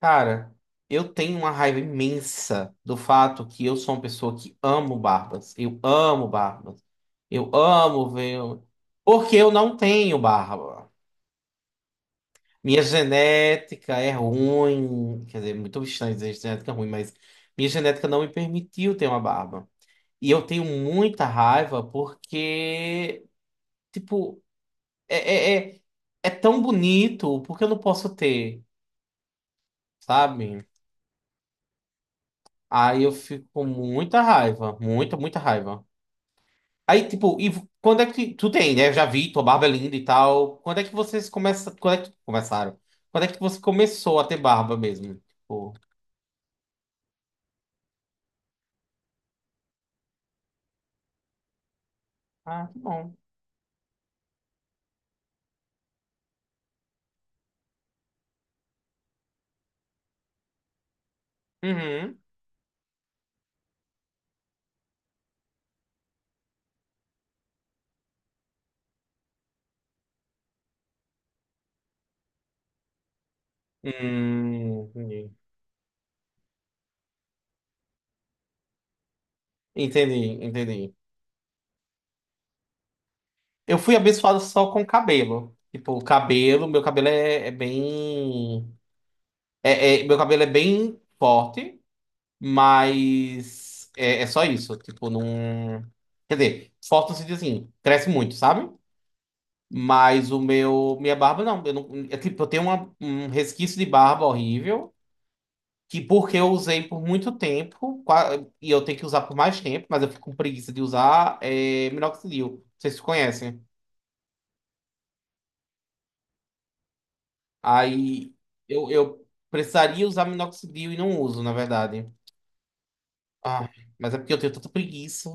Cara, eu tenho uma raiva imensa do fato que eu sou uma pessoa que amo barbas. Eu amo barbas. Eu amo ver. Porque eu não tenho barba. Minha genética é ruim. Quer dizer, muito estranho dizer genética é ruim, mas minha genética não me permitiu ter uma barba. E eu tenho muita raiva porque, tipo, é, é, é, é tão bonito, porque eu não posso ter, sabe? Aí eu fico com muita raiva, muita, muita raiva. Aí, tipo, quando é que tu tem, né? Eu já vi, tua barba é linda e tal. Quando é que vocês começam, quando é que começaram? Quando é que você começou a ter barba mesmo? Tipo, ah, que bom. Uhum. Entendi. Entendi, entendi. Eu fui abençoado só com cabelo. Tipo, o cabelo, meu cabelo é bem, meu cabelo é bem forte. Mas é só isso. Tipo, não. Quer dizer, forte no sentido assim, cresce muito, sabe? Mas o meu. Minha barba não. Eu não é, tipo, eu tenho um resquício de barba horrível. Que porque eu usei por muito tempo, e eu tenho que usar por mais tempo, mas eu fico com preguiça de usar é, minoxidil. Vocês conhecem? Aí eu precisaria usar minoxidil e não uso, na verdade. Ah, mas é porque eu tenho tanta preguiça.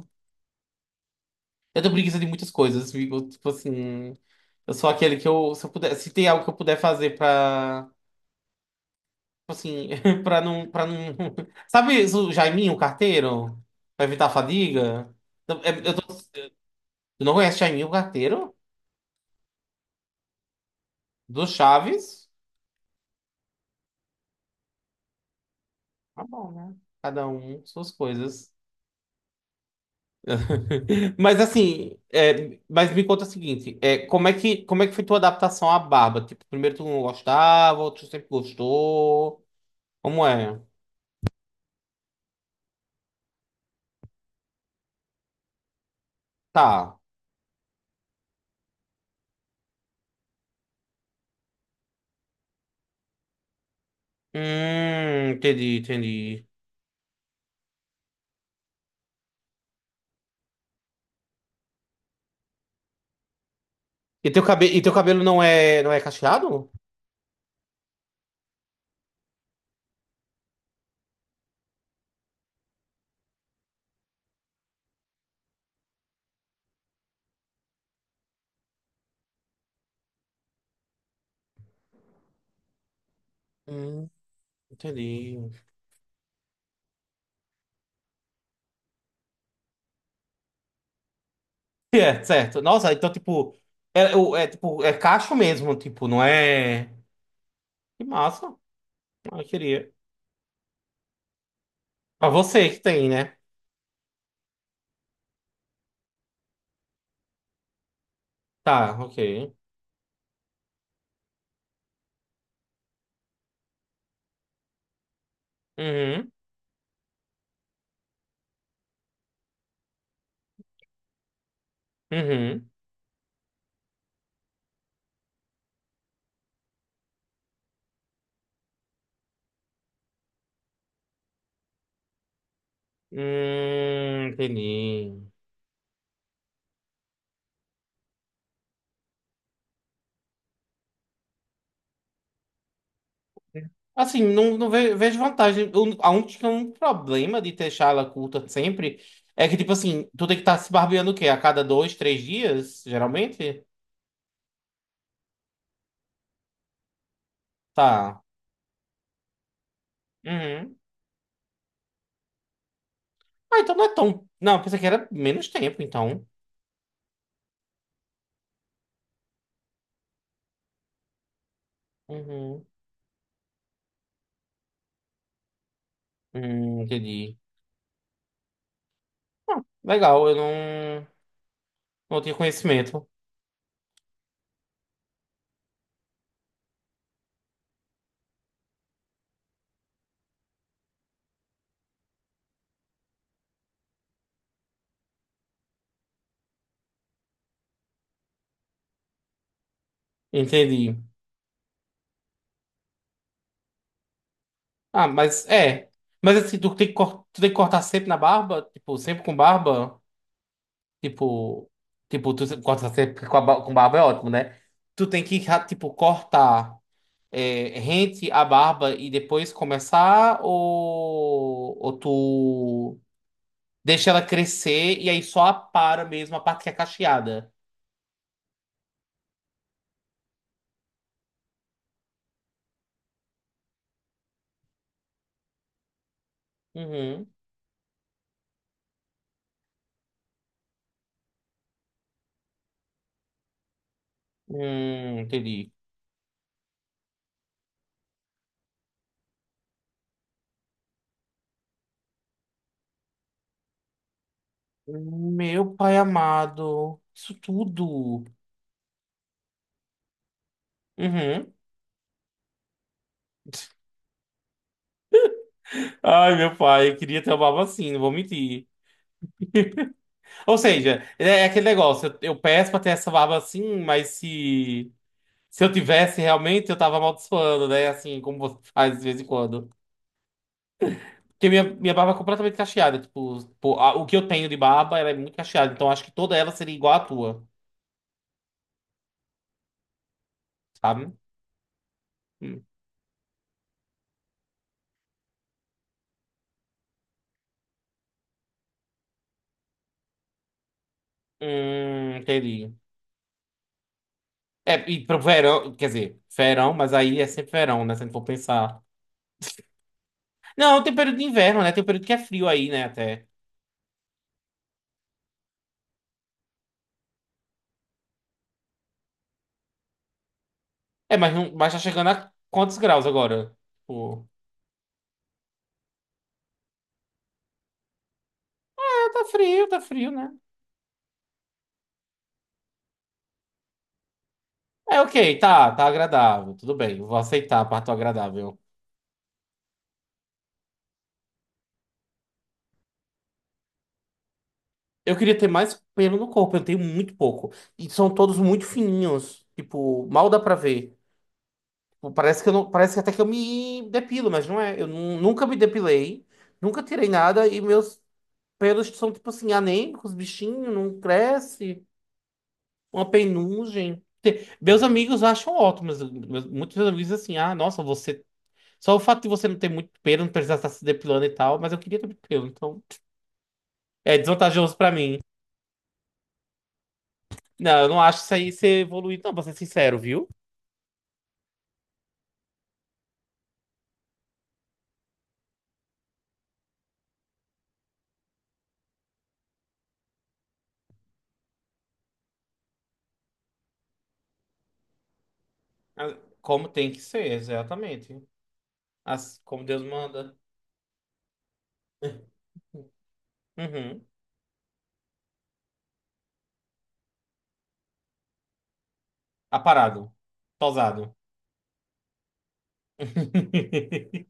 Eu tenho preguiça de muitas coisas, fico, tipo assim. Eu sou aquele que eu, se eu puder, se tem algo que eu puder fazer pra, tipo assim, pra não, pra não. Sabe o Jaiminho, o carteiro? Pra evitar a fadiga? Eu, é- eu tô- Tu não conhece Jaiminho, o carteiro? Do Chaves? Tá bom, né? Cada um suas coisas. Mas assim, é, mas me conta o seguinte, é, como é que foi tua adaptação à barba? Tipo, primeiro tu não gostava, outro sempre gostou. Como é? Tá. Entendi, entendi. E teu cabelo não é, não é cacheado? Hum, entendi. É, certo. Nossa, então, tipo, tipo, é cacho mesmo, tipo, não é. Que massa. Ah, eu queria. Pra você que tem, né? Tá, ok. Uhum, uhum. Entendi. Assim, não, vejo vantagem. A única um problema de deixar ela curta sempre é que, tipo assim, tu tem que estar se barbeando o quê? A cada dois, três dias, geralmente? Tá. Uhum. Ah, então não é tão. Não, pensei que era menos tempo, então. Uhum. Entendi. Legal, eu não, não tinha conhecimento. Entendi. Ah, mas é. Mas assim, tu tem que cortar sempre na barba? Tipo, sempre com barba? Tipo. Tipo, tu corta sempre com, com barba é ótimo, né? Tu tem que, ra- Tipo, cortar é, rente a barba e depois começar? Ou tu deixa ela crescer e aí só apara mesmo a parte que é cacheada? Uhum. Entendi. Meu pai amado. Isso tudo. Uhum. Ai, meu pai, eu queria ter uma barba assim, não vou mentir. Ou seja, é é aquele negócio, eu peço pra ter essa barba assim, mas se eu tivesse realmente, eu tava amaldiçoando, né? Assim, como você faz de vez em quando. Porque minha barba é completamente cacheada, tipo, pô, o que eu tenho de barba, ela é muito cacheada, então acho que toda ela seria igual à tua, sabe? Hum, entendi. É, e pro verão, quer dizer, verão, mas aí é sempre verão, né? Se a gente for pensar. Não, tem período de inverno, né? Tem um período que é frio aí, né? Até. É, mas, não, mas tá chegando a quantos graus agora? Tipo, é, tá frio, né? É, ok, tá, tá agradável, tudo bem, eu vou aceitar a parte do agradável. Eu queria ter mais pelo no corpo, eu tenho muito pouco. E são todos muito fininhos, tipo, mal dá pra ver. Tipo, parece que eu não, parece que até que eu me depilo, mas não é. Nunca me depilei, nunca tirei nada e meus pelos que são, tipo assim, anêmicos, bichinho, não cresce, uma penugem. Meus amigos acham ótimo, mas muitos meus amigos dizem assim, ah, nossa, você. Só o fato de você não ter muito pelo, não precisar estar se depilando e tal, mas eu queria ter muito pelo, então é desvantajoso pra mim. Não, eu não acho isso aí ser evoluído, não, pra ser sincero, viu? Ah, como tem que ser, exatamente. Como Deus manda. Uhum. Aparado. Tosado.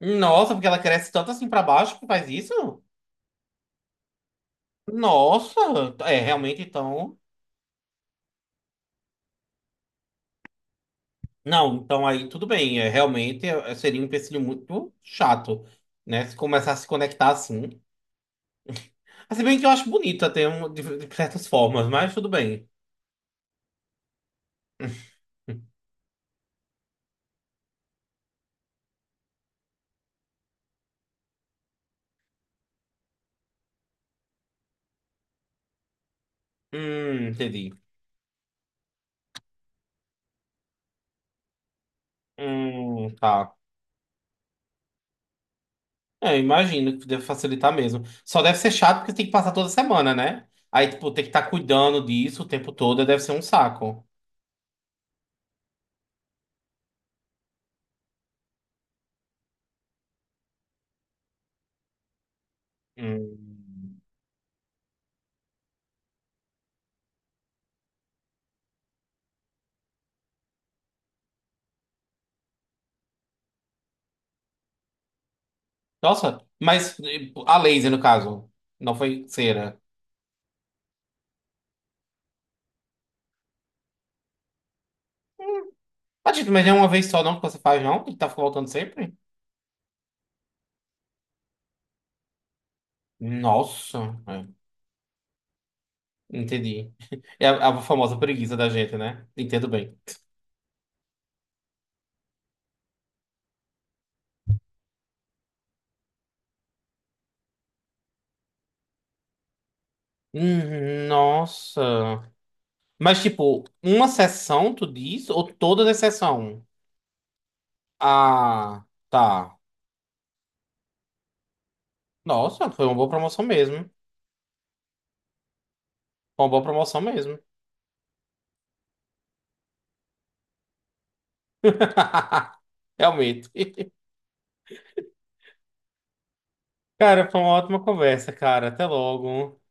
Nossa, porque ela cresce tanto assim pra baixo que faz isso? Nossa, é realmente então. Não, então aí tudo bem. É, seria um empecilho muito chato, né? Se começar a se conectar assim. Mas se bem que eu acho bonito até de certas formas, mas tudo bem. Entendi. Tá. É, imagino que deve facilitar mesmo. Só deve ser chato porque tem que passar toda semana, né? Aí, tipo, tem que estar cuidando disso o tempo todo, deve ser um saco. Hum. Nossa, mas a laser, no caso, não foi cera. Ah, Tito, mas é uma vez só não que você faz, não? Que tá voltando sempre? Nossa, é. Entendi. É a famosa preguiça da gente, né? Entendo bem. Nossa. Mas, tipo, uma sessão, tu diz? Ou todas as sessões? Ah, tá. Nossa, foi uma boa promoção mesmo. Foi uma boa promoção mesmo. Realmente. Cara, foi uma ótima conversa, cara. Até logo.